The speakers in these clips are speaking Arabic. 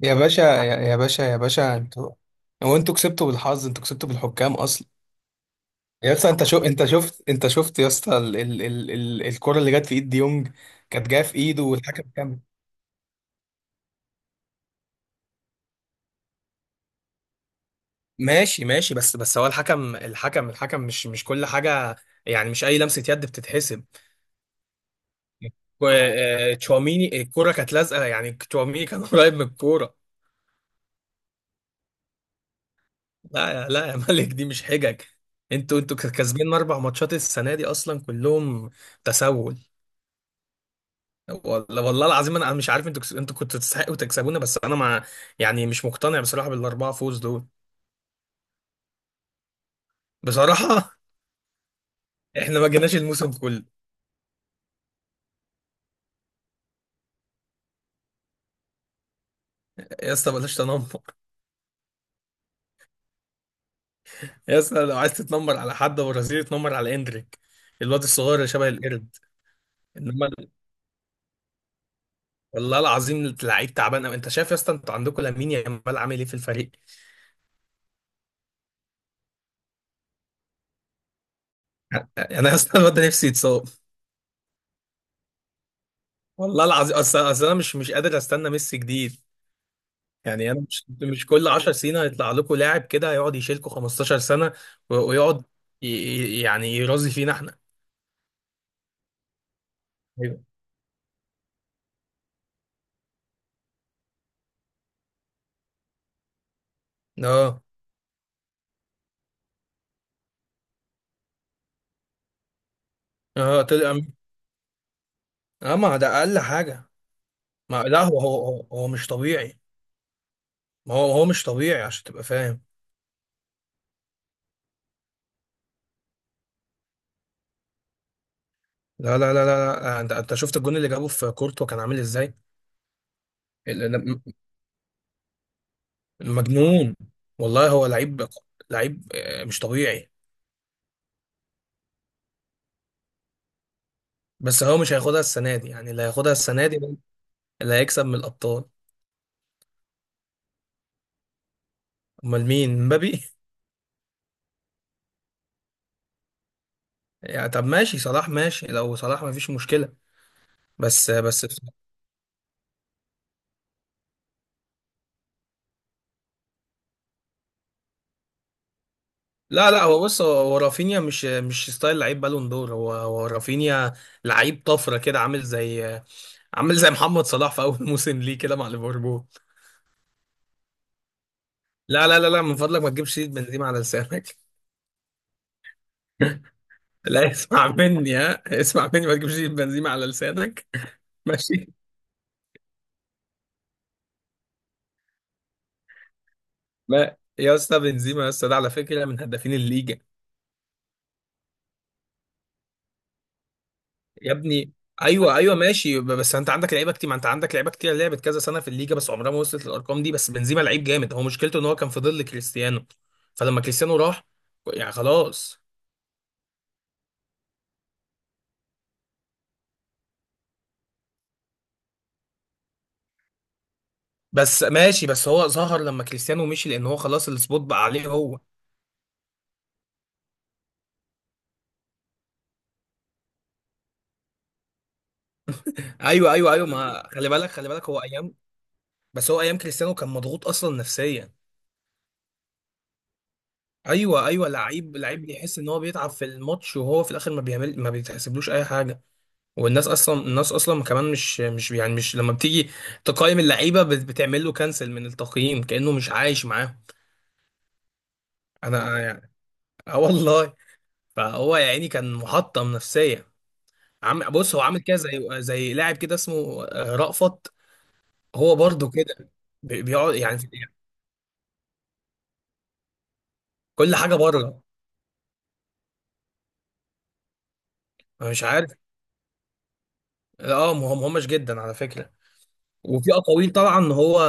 يا باشا يا باشا يا باشا انتوا. هو انتوا كسبتوا بالحظ، انتوا كسبتوا بالحكام اصلا. يا اسطى، انت شفت، يا اسطى الكرة اللي جت في ايد ديونج كانت جايه في ايده والحكم كمل. ماشي، بس هو الحكم مش كل حاجة، يعني مش أي لمسة يد بتتحسب. تشواميني الكورة كانت لازقة، يعني تشواميني كان قريب من الكورة. لا يا ملك، دي مش حجج. انتوا كسبانين أربع ماتشات السنة دي أصلا كلهم. تسول. والله العظيم انا مش عارف، انتوا كنتوا تستحقوا تكسبونا، بس انا مع، يعني مش مقتنع بصراحه بالاربعه فوز دول. بصراحه احنا ما جيناش الموسم كله. يا اسطى بلاش تنمر. يا اسطى لو عايز تتنمر على حد برازيلي اتنمر على اندريك، الواد الصغير اللي شبه القرد. انما ال- والله العظيم لعيب تعبان أوي. انت شايف يا اسطى، انتوا عندكم لامين يامال عامل ايه في الفريق. انا يا اسطى الواد ده نفسي يتصاب. والله العظيم، اصل انا مش قادر استنى ميسي جديد. يعني انا مش كل 10 سنين هيطلع لكم لاعب كده هيقعد يشيلكم 15 سنه ويقعد، يعني يرازي فينا احنا. ايوه. اه. اه طلع. اه، ما ده اقل حاجه. ما لا، هو مش طبيعي. ما هو مش طبيعي عشان تبقى فاهم. لا لا لا لا لا، انت شفت الجون اللي جابه في كورتوا كان عامل ازاي. ال- ال- مجنون. والله هو لعيب. لعيب، مش طبيعي. بس هو مش هياخدها السنه دي، يعني اللي هياخدها السنه دي اللي هيكسب من الابطال. امال مين، مبابي؟ يعني طب ماشي، صلاح ماشي، لو صلاح مفيش مشكلة. بس لا لا، هو بص، هو رافينيا مش ستايل لعيب بالون دور. هو رافينيا لعيب طفرة كده، عامل زي محمد صلاح في أول موسم ليه كده مع ليفربول. لا لا لا لا، من فضلك ما تجيبش سيرة بنزيما على لسانك. لا، اسمع مني، ما تجيبش سيرة بنزيما على لسانك. ماشي. ما يا اسطى بنزيما، يا اسطى ده على فكرة من هدافين الليجا. يا ابني، ايوه ايوه ماشي، بس انت عندك لعيبه كتير ما انت عندك لعيبه كتير لعبت كذا سنه في الليجا، بس عمرها ما وصلت للارقام دي. بس بنزيما لعيب جامد، هو مشكلته ان هو كان في ظل كريستيانو. فلما كريستيانو راح، يعني خلاص. بس ماشي، بس هو ظهر لما كريستيانو مشي لان هو خلاص السبوت بقى عليه هو. ايوه ايوه ايوه، ما خلي بالك هو ايام، بس هو ايام كريستيانو كان مضغوط اصلا نفسيا. ايوه ايوه، لعيب لعيب بيحس ان هو بيتعب في الماتش، وهو في الاخر ما بيتحسبلوش اي حاجه. والناس اصلا الناس اصلا كمان مش مش يعني مش لما بتيجي تقيم اللعيبه بتعمل له كنسل من التقييم كانه مش عايش معاهم. انا يعني، اه والله، فهو يا عيني كان محطم نفسيا. عم بص هو عامل كده زي لاعب كده اسمه رأفت. هو برضو كده. بيقعد يعني كل حاجه بره. أنا مش عارف. اه مهم همش جدا على فكره. وفي اقاويل طبعا ان هو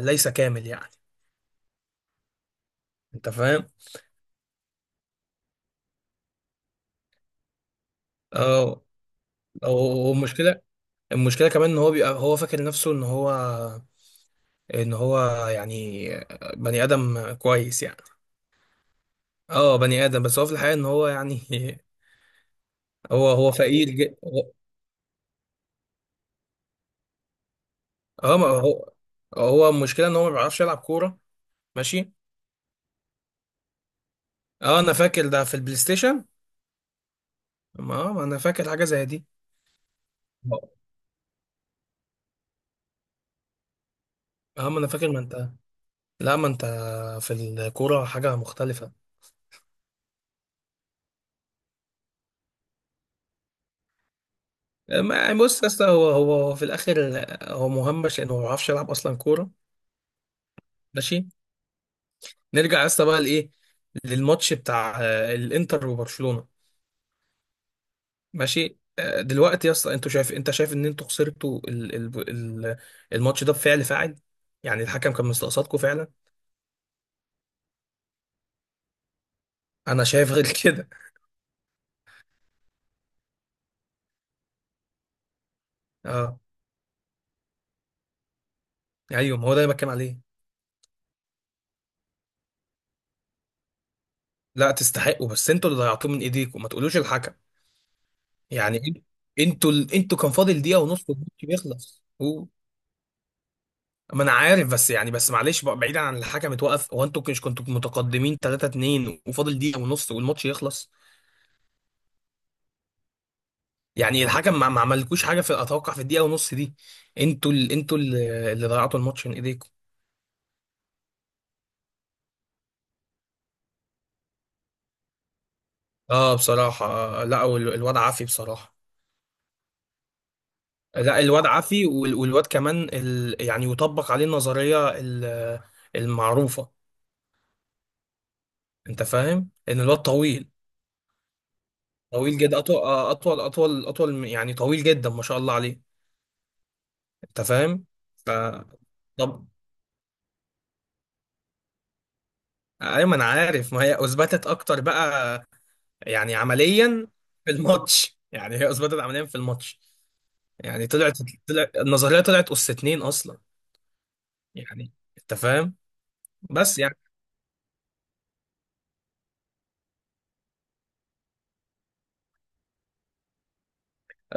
ليس كامل، يعني انت فاهم. اه. والمشكله، المشكله كمان ان هو بيبقى هو فاكر نفسه ان هو، ان هو، يعني بني ادم كويس يعني. اه بني ادم، بس هو في الحقيقه ان هو يعني هو فقير جدا. اه ما هو، هو المشكله ان هو ما بيعرفش يلعب كوره. ماشي. اه انا فاكر ده في البلاي ستيشن. ما انا فاكر حاجه زي دي. اه ما انا فاكر، ما انت. لا ما انت، في الكوره حاجه مختلفه. ما بص يا اسطى، هو في الاخر هو مهمش لانه ما بيعرفش يلعب اصلا كوره. ماشي. نرجع يا اسطى بقى لايه، للماتش بتاع الانتر وبرشلونة. ماشي، دلوقتي يا اسطى، انت شايف ان انتوا خسرتوا ال... الماتش ده بفعل فاعل، يعني الحكم كان مستقصدكم فعلا. انا شايف غير كده. اه ايوه، ما هو ده اللي بتكلم عليه. لا تستحقوا، بس انتوا اللي ضيعتوه من ايديكم، ما تقولوش الحكم. يعني إن- انتوا كان فاضل دقيقة ونص والماتش بيخلص هو. ما انا عارف، بس معلش بقى، بعيدا عن الحكم اتوقف، هو انتوا مش كنتوا متقدمين 3-2 وفاضل دقيقة ونص والماتش يخلص؟ يعني الحكم ما عملكوش حاجه في اتوقع في الدقيقه ونص دي. انتوا ال... انتوا ال- اللي ضيعتوا الماتش من ايديكم. اه بصراحه، لا الواد عافي بصراحه. لا الواد عافي، والواد كمان يعني يطبق عليه النظريه المعروفه، انت فاهم، ان الواد طويل. طويل جدا، اطول يعني طويل جدا ما شاء الله عليه، انت فاهم. ف طب. ايوه ما انا عارف، ما هي اثبتت اكتر بقى، يعني عمليا في الماتش، يعني هي اثبتت عمليا في الماتش، يعني طلعت، النظريه طلعت اس اتنين اصلا، يعني انت فاهم. بس يعني،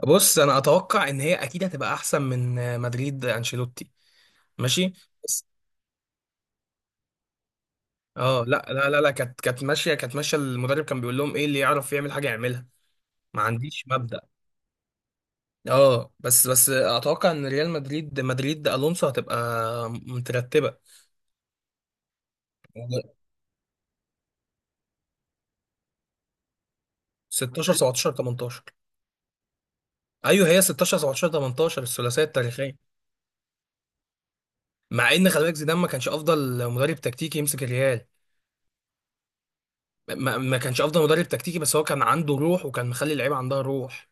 بص انا اتوقع ان هي اكيد هتبقى احسن من مدريد انشيلوتي. ماشي، بس اه لا لا لا لا، كانت ماشيه. المدرب كان بيقول لهم ايه اللي يعرف يعمل حاجه يعملها، ما عنديش مبدأ. اه، بس اتوقع ان ريال مدريد، مدريد الونسو هتبقى مترتبه. 16 17 18. ايوه هي 16 17 18 الثلاثيه التاريخيه. مع ان خلي بالك زيدان ما كانش افضل مدرب تكتيكي يمسك الريال. ما كانش افضل مدرب تكتيكي، بس هو كان عنده روح وكان مخلي اللعيبه عندها روح.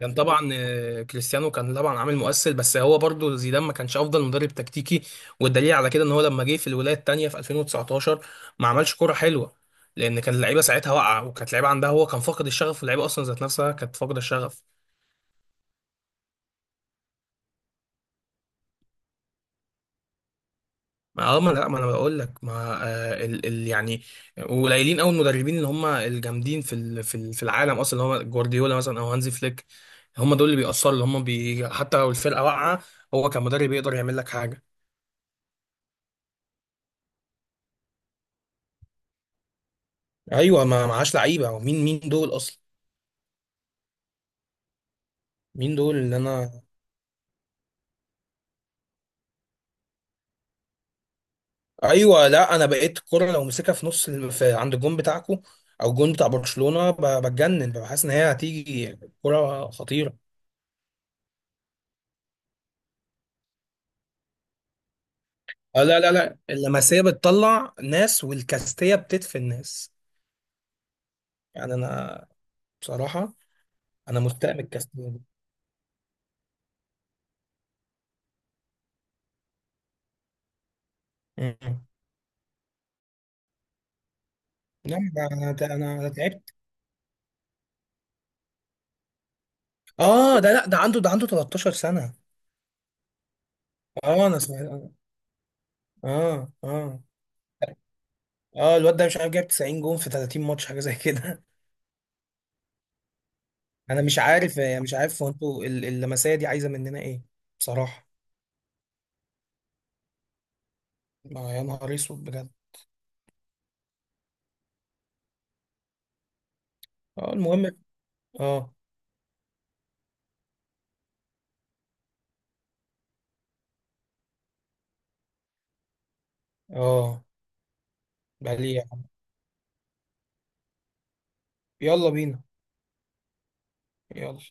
كان طبعا كريستيانو كان طبعا عامل مؤثر، بس هو برضه زيدان ما كانش افضل مدرب تكتيكي. والدليل على كده ان هو لما جه في الولايه الثانيه في 2019 ما عملش كوره حلوه، لان كان اللعيبه ساعتها واقعه، وكانت اللعيبه عندها، هو كان فاقد الشغف، واللعيبه اصلا ذات نفسها كانت فاقده الشغف. ما اه، ما لا، ما انا بقول لك، ما ال ال يعني قليلين قوي المدربين اللي هم الجامدين في ال في ال في العالم اصلا، اللي هم جوارديولا مثلا او هانزي فليك. هم دول اللي بيأثروا، اللي هم حتى لو الفرقه واقعه، هو كمدرب يقدر يعمل لك حاجه. ايوه ما معاش لعيبه، ومين دول اصلا. مين دول اللي انا. ايوه لا، انا بقيت الكره لو مسكها في نص في عند الجون بتاعكم او الجون بتاع برشلونه بتجنن، بحس ان هي هتيجي كره خطيره. لا لا لا، اللمسيه بتطلع ناس والكاستيه بتدفن ناس. يعني انا بصراحه انا مستاء من الكاستيه دي. مم. نعم. ده تعبت. اه ده، لا، ده عنده 13 سنه. اه انا سمعت، اه اه اه، الواد ده مش عارف جايب 90 جون في 30 ماتش حاجه زي كده. انا مش عارف، هو، انتوا اللمسيه دي عايزه مننا ايه؟ بصراحه، ما يا نهار اسود بجد. اه المهم. اه. اه بقى ليه يعني. يلا بينا. يلا.